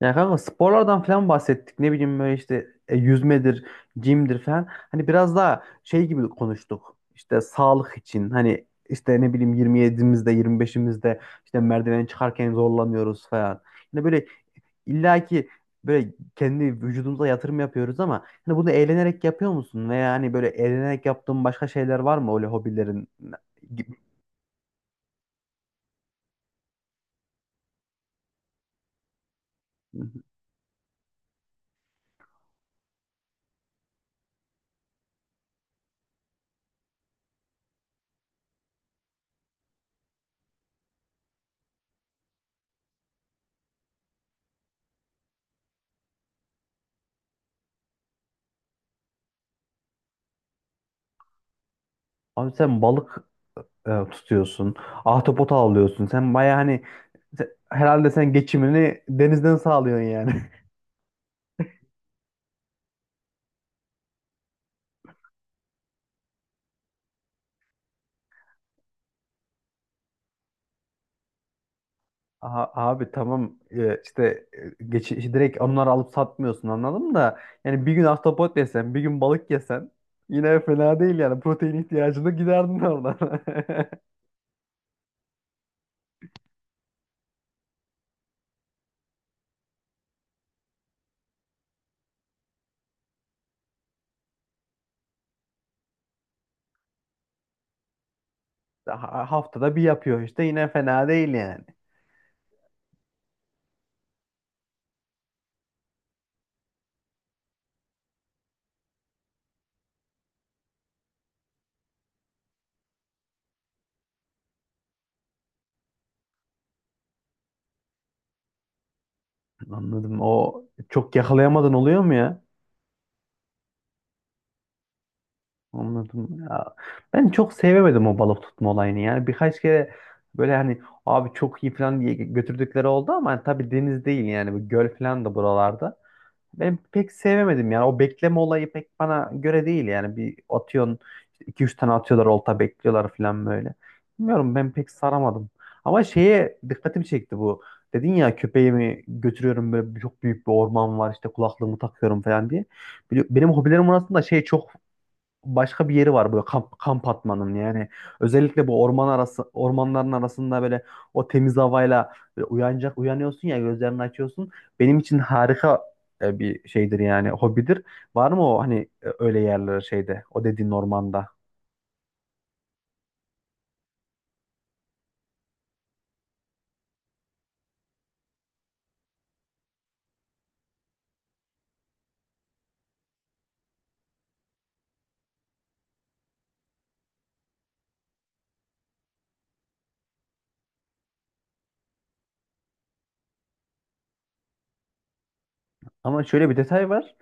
Ya kanka sporlardan falan bahsettik. Ne bileyim böyle işte yüzmedir, jimdir falan. Hani biraz daha şey gibi konuştuk. İşte sağlık için hani işte ne bileyim 27'imizde 25'imizde işte merdiveni çıkarken zorlanıyoruz falan. Hani böyle illaki böyle kendi vücudumuza yatırım yapıyoruz ama hani bunu eğlenerek yapıyor musun? Veya hani böyle eğlenerek yaptığın başka şeyler var mı öyle hobilerin? Gibi. Abi sen balık tutuyorsun. Ahtapot avlıyorsun. Sen baya hani herhalde sen geçimini denizden sağlıyorsun yani. Aha, abi tamam. İşte işte direkt onları alıp satmıyorsun anladım da yani bir gün ahtapot yesen bir gün balık yesen yine fena değil yani protein ihtiyacını giderdin oradan. Haftada bir yapıyor işte yine fena değil yani. Anladım, o çok yakalayamadın oluyor mu ya? Anladım ya. Ben çok sevemedim o balık tutma olayını. Yani birkaç kere böyle hani abi çok iyi falan diye götürdükleri oldu ama hani tabii deniz değil yani bu göl falan da buralarda. Ben pek sevemedim yani o bekleme olayı pek bana göre değil yani bir atıyorsun işte iki üç tane atıyorlar olta bekliyorlar falan böyle. Bilmiyorum, ben pek saramadım. Ama şeye dikkatimi çekti bu. Dedin ya köpeğimi götürüyorum böyle çok büyük bir orman var işte kulaklığımı takıyorum falan diye. Benim hobilerim arasında şey çok başka bir yeri var böyle kamp, kamp atmanın yani özellikle bu orman arası ormanların arasında böyle o temiz havayla böyle uyanacak uyanıyorsun ya gözlerini açıyorsun benim için harika bir şeydir yani hobidir. Var mı o hani öyle yerler şeyde o dediğin ormanda? Ama şöyle bir detay var,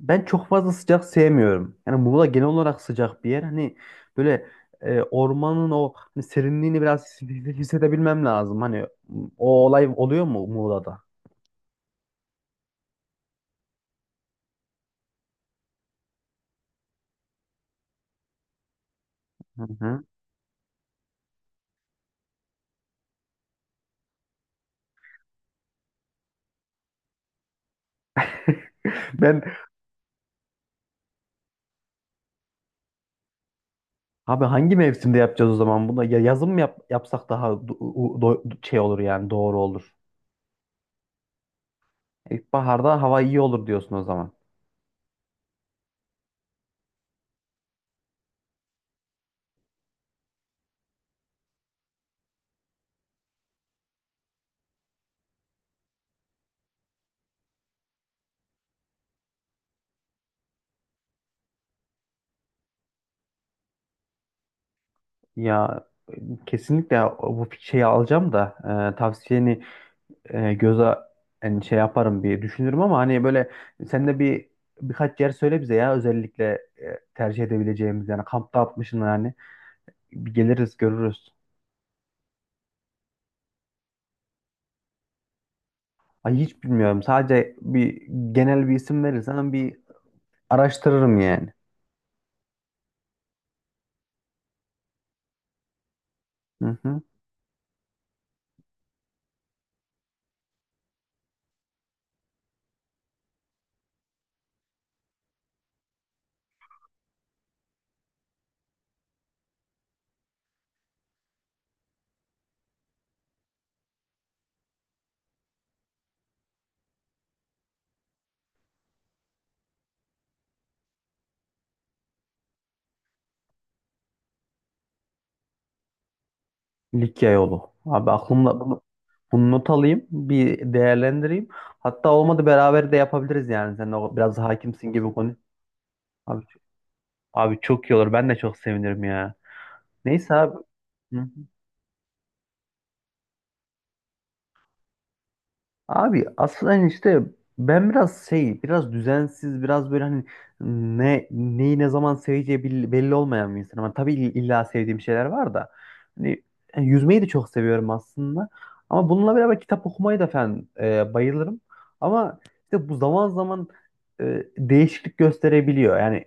ben çok fazla sıcak sevmiyorum yani Muğla genel olarak sıcak bir yer hani böyle ormanın o hani serinliğini biraz hissedebilmem lazım. Hani o olay oluyor mu Muğla'da? Hı hı. Ben abi hangi mevsimde yapacağız o zaman bunu? Ya yazın mı yapsak daha şey olur yani doğru olur. İlkbaharda hava iyi olur diyorsun o zaman. Ya e, kesinlikle bu şeyi alacağım da tavsiyeni göze, yani şey yaparım bir düşünürüm ama hani böyle sen de bir birkaç yer söyle bize ya özellikle tercih edebileceğimiz, yani kampta atmışsın yani bir geliriz görürüz. Ay hiç bilmiyorum. Sadece bir genel bir isim verirsen bir araştırırım yani. Hı hı. Likya yolu. Abi aklımda bunu, bunu not alayım. Bir değerlendireyim. Hatta olmadı beraber de yapabiliriz yani. Sen de biraz hakimsin gibi konu. Abi, abi çok iyi olur. Ben de çok sevinirim ya. Neyse abi. Hı. Abi aslında hani işte ben biraz şey, biraz düzensiz, biraz böyle hani ne neyi ne zaman seveceği belli, belli olmayan bir insanım. Ama tabii illa sevdiğim şeyler var da. Hani yani yüzmeyi de çok seviyorum aslında. Ama bununla beraber kitap okumayı da falan bayılırım. Ama işte bu zaman zaman değişiklik gösterebiliyor. Yani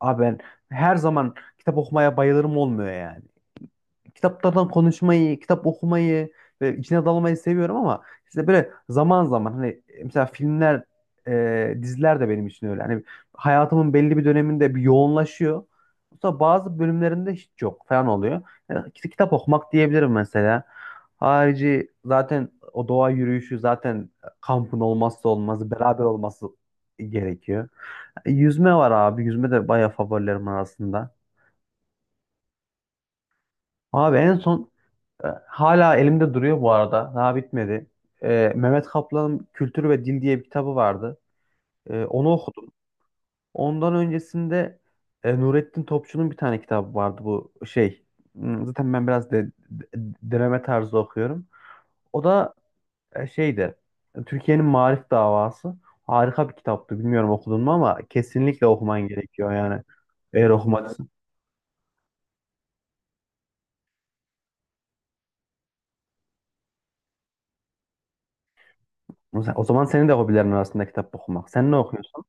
abi ben her zaman kitap okumaya bayılırım olmuyor yani kitaplardan konuşmayı, kitap okumayı ve içine dalmayı seviyorum ama işte böyle zaman zaman hani mesela filmler, diziler de benim için öyle. Hani hayatımın belli bir döneminde bir yoğunlaşıyor. Sonra bazı bölümlerinde hiç yok falan oluyor. Yani kitap okumak diyebilirim mesela. Harici zaten o doğa yürüyüşü zaten kampın olmazsa olmazı, beraber olması gerekiyor. Yüzme var abi. Yüzme de bayağı favorilerim arasında. Abi en son, Hala elimde duruyor bu arada. Daha bitmedi. Mehmet Kaplan'ın Kültür ve Dil diye bir kitabı vardı. Onu okudum. Ondan öncesinde Nurettin Topçu'nun bir tane kitabı vardı bu şey. Zaten ben biraz deneme tarzı okuyorum. O da şeydi. Türkiye'nin Maarif Davası. Harika bir kitaptı. Bilmiyorum okudun mu ama kesinlikle okuman gerekiyor yani. Eğer okumadıysan. O zaman senin de hobilerin arasında kitap okumak. Sen ne okuyorsun?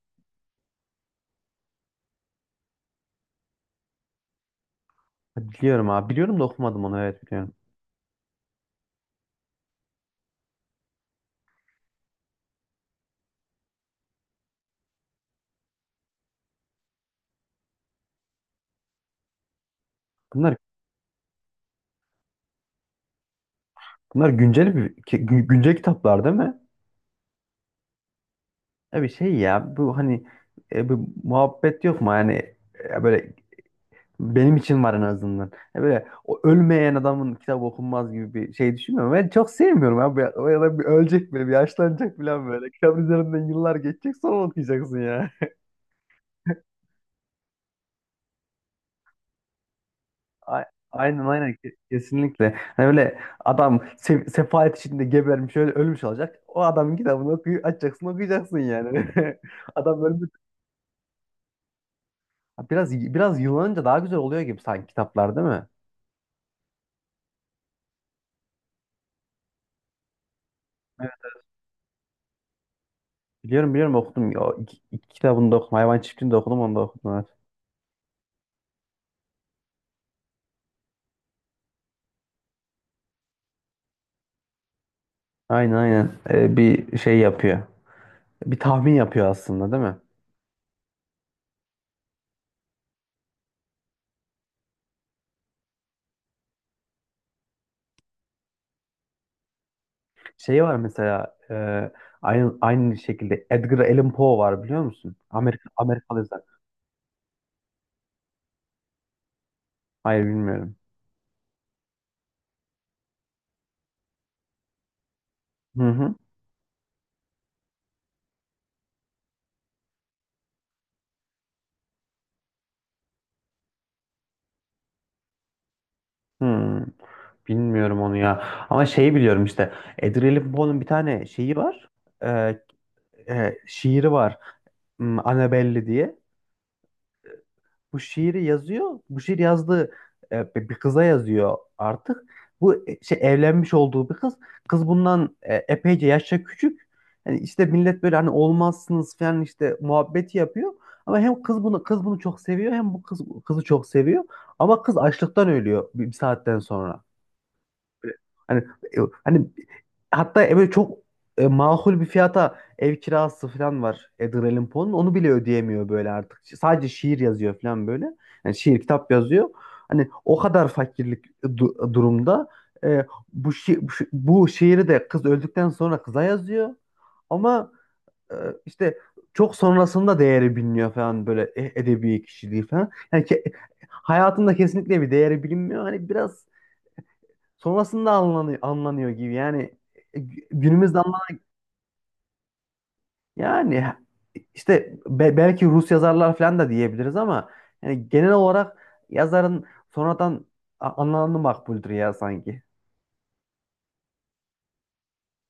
Biliyorum abi. Biliyorum da okumadım onu. Evet biliyorum. Bunlar Bunlar güncel bir güncel kitaplar değil mi? Ya bir şey ya bu hani bu muhabbet yok mu? Yani böyle benim için var en azından. Ya böyle o ölmeyen adamın kitabı okunmaz gibi bir şey düşünmüyorum. Ben çok sevmiyorum abi. Ya, o adam bir ölecek böyle, bir yaşlanacak falan böyle. Kitabın üzerinden yıllar geçecek sonra okuyacaksın ya. A- Aynen aynen. Kesinlikle. Hani böyle adam sefalet içinde gebermiş öyle ölmüş olacak. O adamın kitabını okuy açacaksın okuyacaksın yani. Adam ölmüş. Ha, biraz biraz yıllanınca daha güzel oluyor gibi sanki kitaplar değil mi? Evet. Biliyorum biliyorum okudum. O iki, iki kitabını da okudum. Hayvan Çiftliği'ni de okudum, onu da okudum. Evet. Aynen aynen. Bir şey yapıyor. Bir tahmin yapıyor aslında değil mi? Şey var mesela aynı aynı şekilde Edgar Allan Poe var biliyor musun? Amerika Amerikalı yazar. Hayır bilmiyorum. Hı hı. Hı. Bilmiyorum onu ya. Ama şeyi biliyorum işte. Edgar Allan Poe'nun bir tane şeyi var. Ee, şiiri var. Annabelle diye. Bu şiiri yazıyor. Bu şiir yazdığı bir bir kıza yazıyor artık. Bu şey evlenmiş olduğu bir kız. Kız bundan epeyce yaşça küçük. Yani işte millet böyle hani olmazsınız falan işte muhabbeti yapıyor. Ama hem kız bunu kız bunu çok seviyor hem bu kız kızı çok seviyor. Ama kız açlıktan ölüyor bir, bir saatten sonra. Böyle hani hani hatta böyle çok makul bir fiyata ev kirası falan var Edgar Allan Poe'nun. Onu bile ödeyemiyor böyle artık. Sadece şiir yazıyor falan böyle. Yani şiir kitap yazıyor. Hani o kadar fakirlik durumda, e, bu şiiri de kız öldükten sonra kıza yazıyor. Ama e, işte çok sonrasında değeri biliniyor falan böyle edebi kişiliği falan. Yani hayatında kesinlikle bir değeri bilinmiyor. Hani biraz sonrasında anlanıyor, anlanıyor gibi. Yani günümüzde anlan, yani işte belki Rus yazarlar falan da diyebiliriz ama yani genel olarak yazarın sonradan anlamı makbuldür ya sanki.